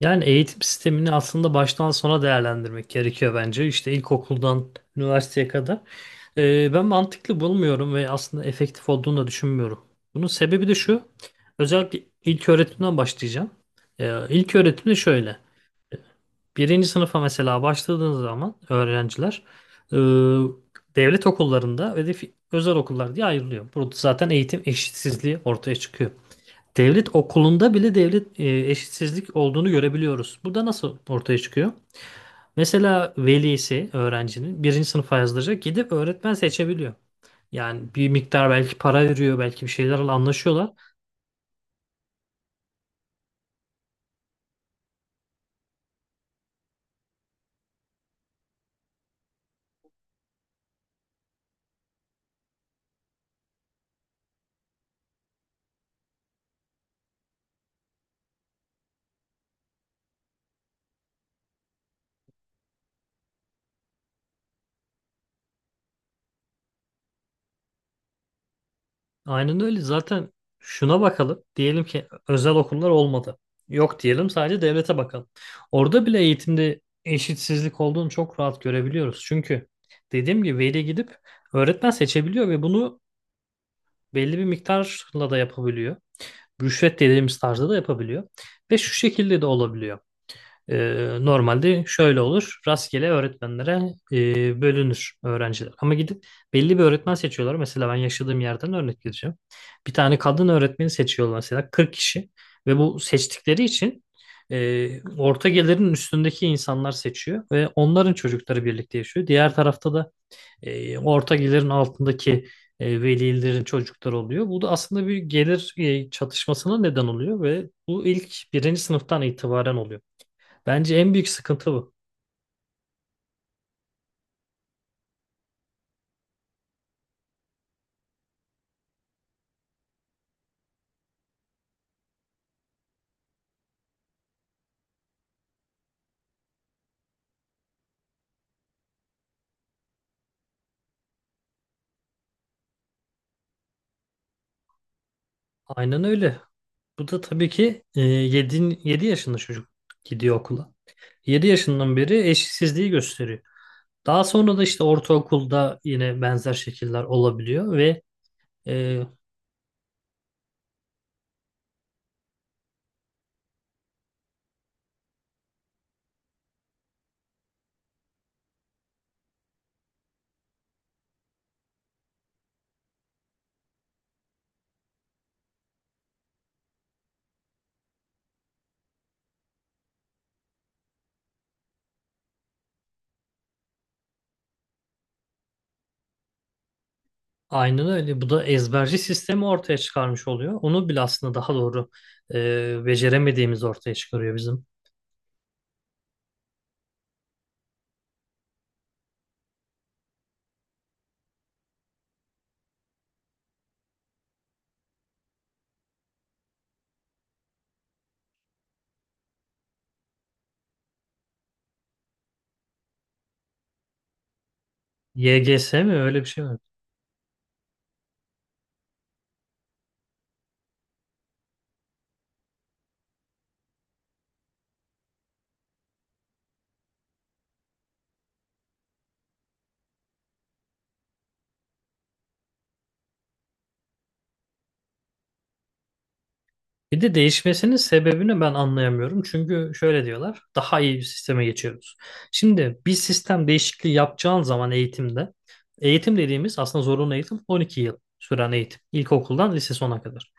Yani eğitim sistemini aslında baştan sona değerlendirmek gerekiyor bence. İşte ilkokuldan üniversiteye kadar. Ben mantıklı bulmuyorum ve aslında efektif olduğunu da düşünmüyorum. Bunun sebebi de şu. Özellikle ilk öğretimden başlayacağım. İlk öğretim de şöyle. Birinci sınıfa mesela başladığınız zaman öğrenciler e, devlet okullarında ve de özel okullar diye ayrılıyor. Burada zaten eğitim eşitsizliği ortaya çıkıyor. Devlet okulunda bile devlet eşitsizlik olduğunu görebiliyoruz. Bu da nasıl ortaya çıkıyor? Mesela velisi öğrencinin birinci sınıfa yazdıracak gidip öğretmen seçebiliyor. Yani bir miktar belki para veriyor, belki bir şeylerle anlaşıyorlar. Aynen öyle. Zaten şuna bakalım. Diyelim ki özel okullar olmadı. Yok diyelim, sadece devlete bakalım. Orada bile eğitimde eşitsizlik olduğunu çok rahat görebiliyoruz. Çünkü dediğim gibi veli gidip öğretmen seçebiliyor ve bunu belli bir miktarla da yapabiliyor. Rüşvet dediğimiz tarzda da yapabiliyor. Ve şu şekilde de olabiliyor. Normalde şöyle olur: rastgele öğretmenlere bölünür öğrenciler. Ama gidip belli bir öğretmen seçiyorlar. Mesela ben yaşadığım yerden örnek vereceğim. Bir tane kadın öğretmeni seçiyorlar mesela, 40 kişi. Ve bu seçtikleri için orta gelirin üstündeki insanlar seçiyor. Ve onların çocukları birlikte yaşıyor. Diğer tarafta da orta gelirin altındaki velilerin çocukları oluyor. Bu da aslında bir gelir çatışmasına neden oluyor ve bu ilk birinci sınıftan itibaren oluyor. Bence en büyük sıkıntı bu. Aynen öyle. Bu da tabii ki, 7 yaşında çocuk gidiyor okula. 7 yaşından beri eşitsizliği gösteriyor. Daha sonra da işte ortaokulda yine benzer şekiller olabiliyor ve e, aynen öyle. Bu da ezberci sistemi ortaya çıkarmış oluyor. Onu bile aslında daha doğru beceremediğimiz ortaya çıkarıyor bizim. YGS mi, öyle bir şey mi? Bir de değişmesinin sebebini ben anlayamıyorum. Çünkü şöyle diyorlar: daha iyi bir sisteme geçiyoruz. Şimdi bir sistem değişikliği yapacağın zaman eğitimde, eğitim dediğimiz aslında zorunlu eğitim, 12 yıl süren eğitim. İlkokuldan lise sona kadar.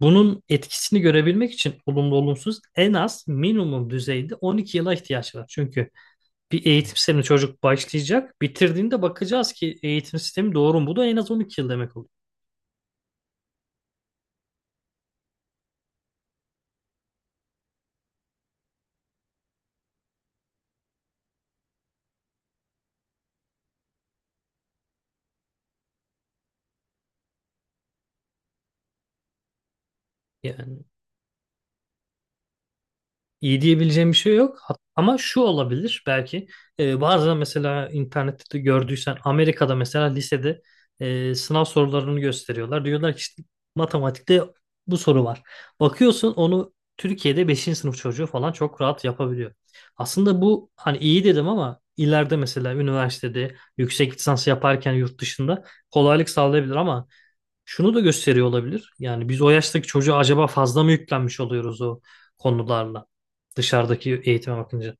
Bunun etkisini görebilmek için olumlu olumsuz en az minimum düzeyde 12 yıla ihtiyaç var. Çünkü bir eğitim sistemine çocuk başlayacak. Bitirdiğinde bakacağız ki eğitim sistemi doğru mu? Bu da en az 12 yıl demek oluyor. Yani iyi diyebileceğim bir şey yok. Ama şu olabilir belki. Bazen mesela internette de gördüysen, Amerika'da mesela lisede sınav sorularını gösteriyorlar. Diyorlar ki işte matematikte bu soru var. Bakıyorsun, onu Türkiye'de beşinci sınıf çocuğu falan çok rahat yapabiliyor. Aslında bu hani iyi dedim ama ileride mesela üniversitede yüksek lisans yaparken yurt dışında kolaylık sağlayabilir, ama şunu da gösteriyor olabilir. Yani biz o yaştaki çocuğa acaba fazla mı yüklenmiş oluyoruz o konularla, dışarıdaki eğitime bakınca.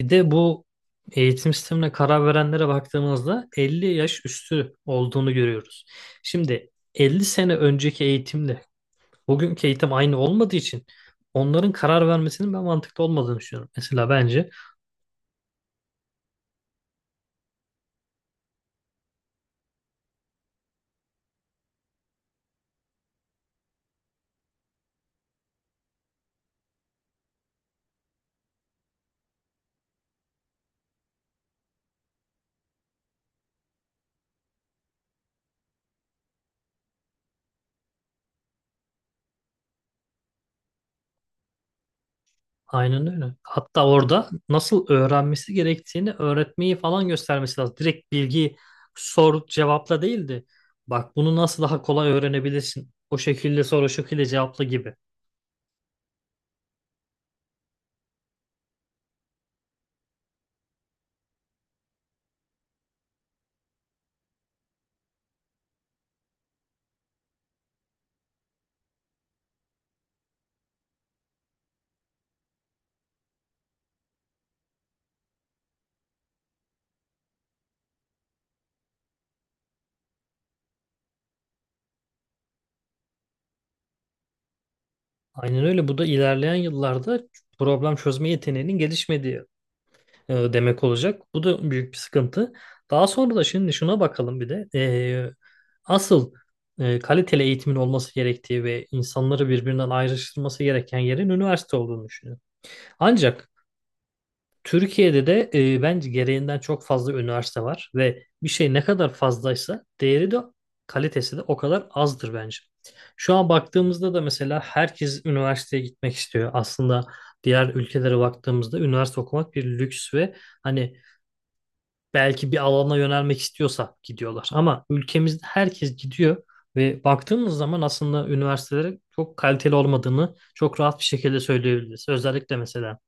Bir de bu eğitim sistemine karar verenlere baktığımızda 50 yaş üstü olduğunu görüyoruz. Şimdi 50 sene önceki eğitimle bugünkü eğitim aynı olmadığı için onların karar vermesinin ben mantıklı olmadığını düşünüyorum. Mesela bence aynen öyle. Hatta orada nasıl öğrenmesi gerektiğini öğretmeyi falan göstermesi lazım. Direkt bilgi sor cevapla değildi. Bak, bunu nasıl daha kolay öğrenebilirsin. O şekilde sor, o şekilde cevapla gibi. Aynen öyle. Bu da ilerleyen yıllarda problem çözme yeteneğinin gelişmediği demek olacak. Bu da büyük bir sıkıntı. Daha sonra da şimdi şuna bakalım bir de. Asıl kaliteli eğitimin olması gerektiği ve insanları birbirinden ayrıştırması gereken yerin üniversite olduğunu düşünüyorum. Ancak Türkiye'de de bence gereğinden çok fazla üniversite var ve bir şey ne kadar fazlaysa değeri de kalitesi de o kadar azdır bence. Şu an baktığımızda da mesela herkes üniversiteye gitmek istiyor. Aslında diğer ülkelere baktığımızda üniversite okumak bir lüks ve hani belki bir alana yönelmek istiyorsa gidiyorlar. Ama ülkemizde herkes gidiyor ve baktığımız zaman aslında üniversitelere çok kaliteli olmadığını çok rahat bir şekilde söyleyebiliriz. Özellikle mesela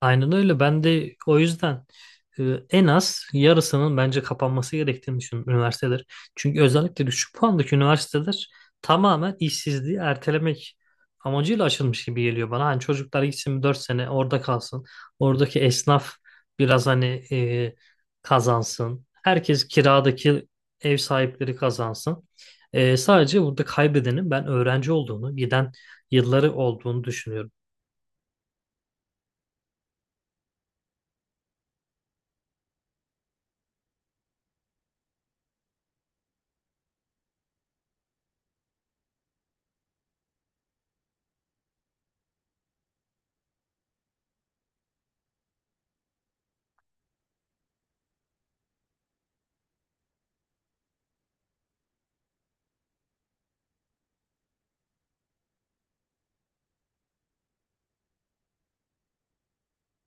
aynen öyle. Ben de o yüzden e, en az yarısının bence kapanması gerektiğini düşünüyorum üniversiteler. Çünkü özellikle düşük puandaki üniversiteler tamamen işsizliği ertelemek amacıyla açılmış gibi geliyor bana. Hani çocuklar gitsin, 4 sene orada kalsın. Oradaki esnaf biraz hani e, kazansın. Herkes, kiradaki ev sahipleri kazansın. Sadece burada kaybedenin ben öğrenci olduğunu, giden yılları olduğunu düşünüyorum.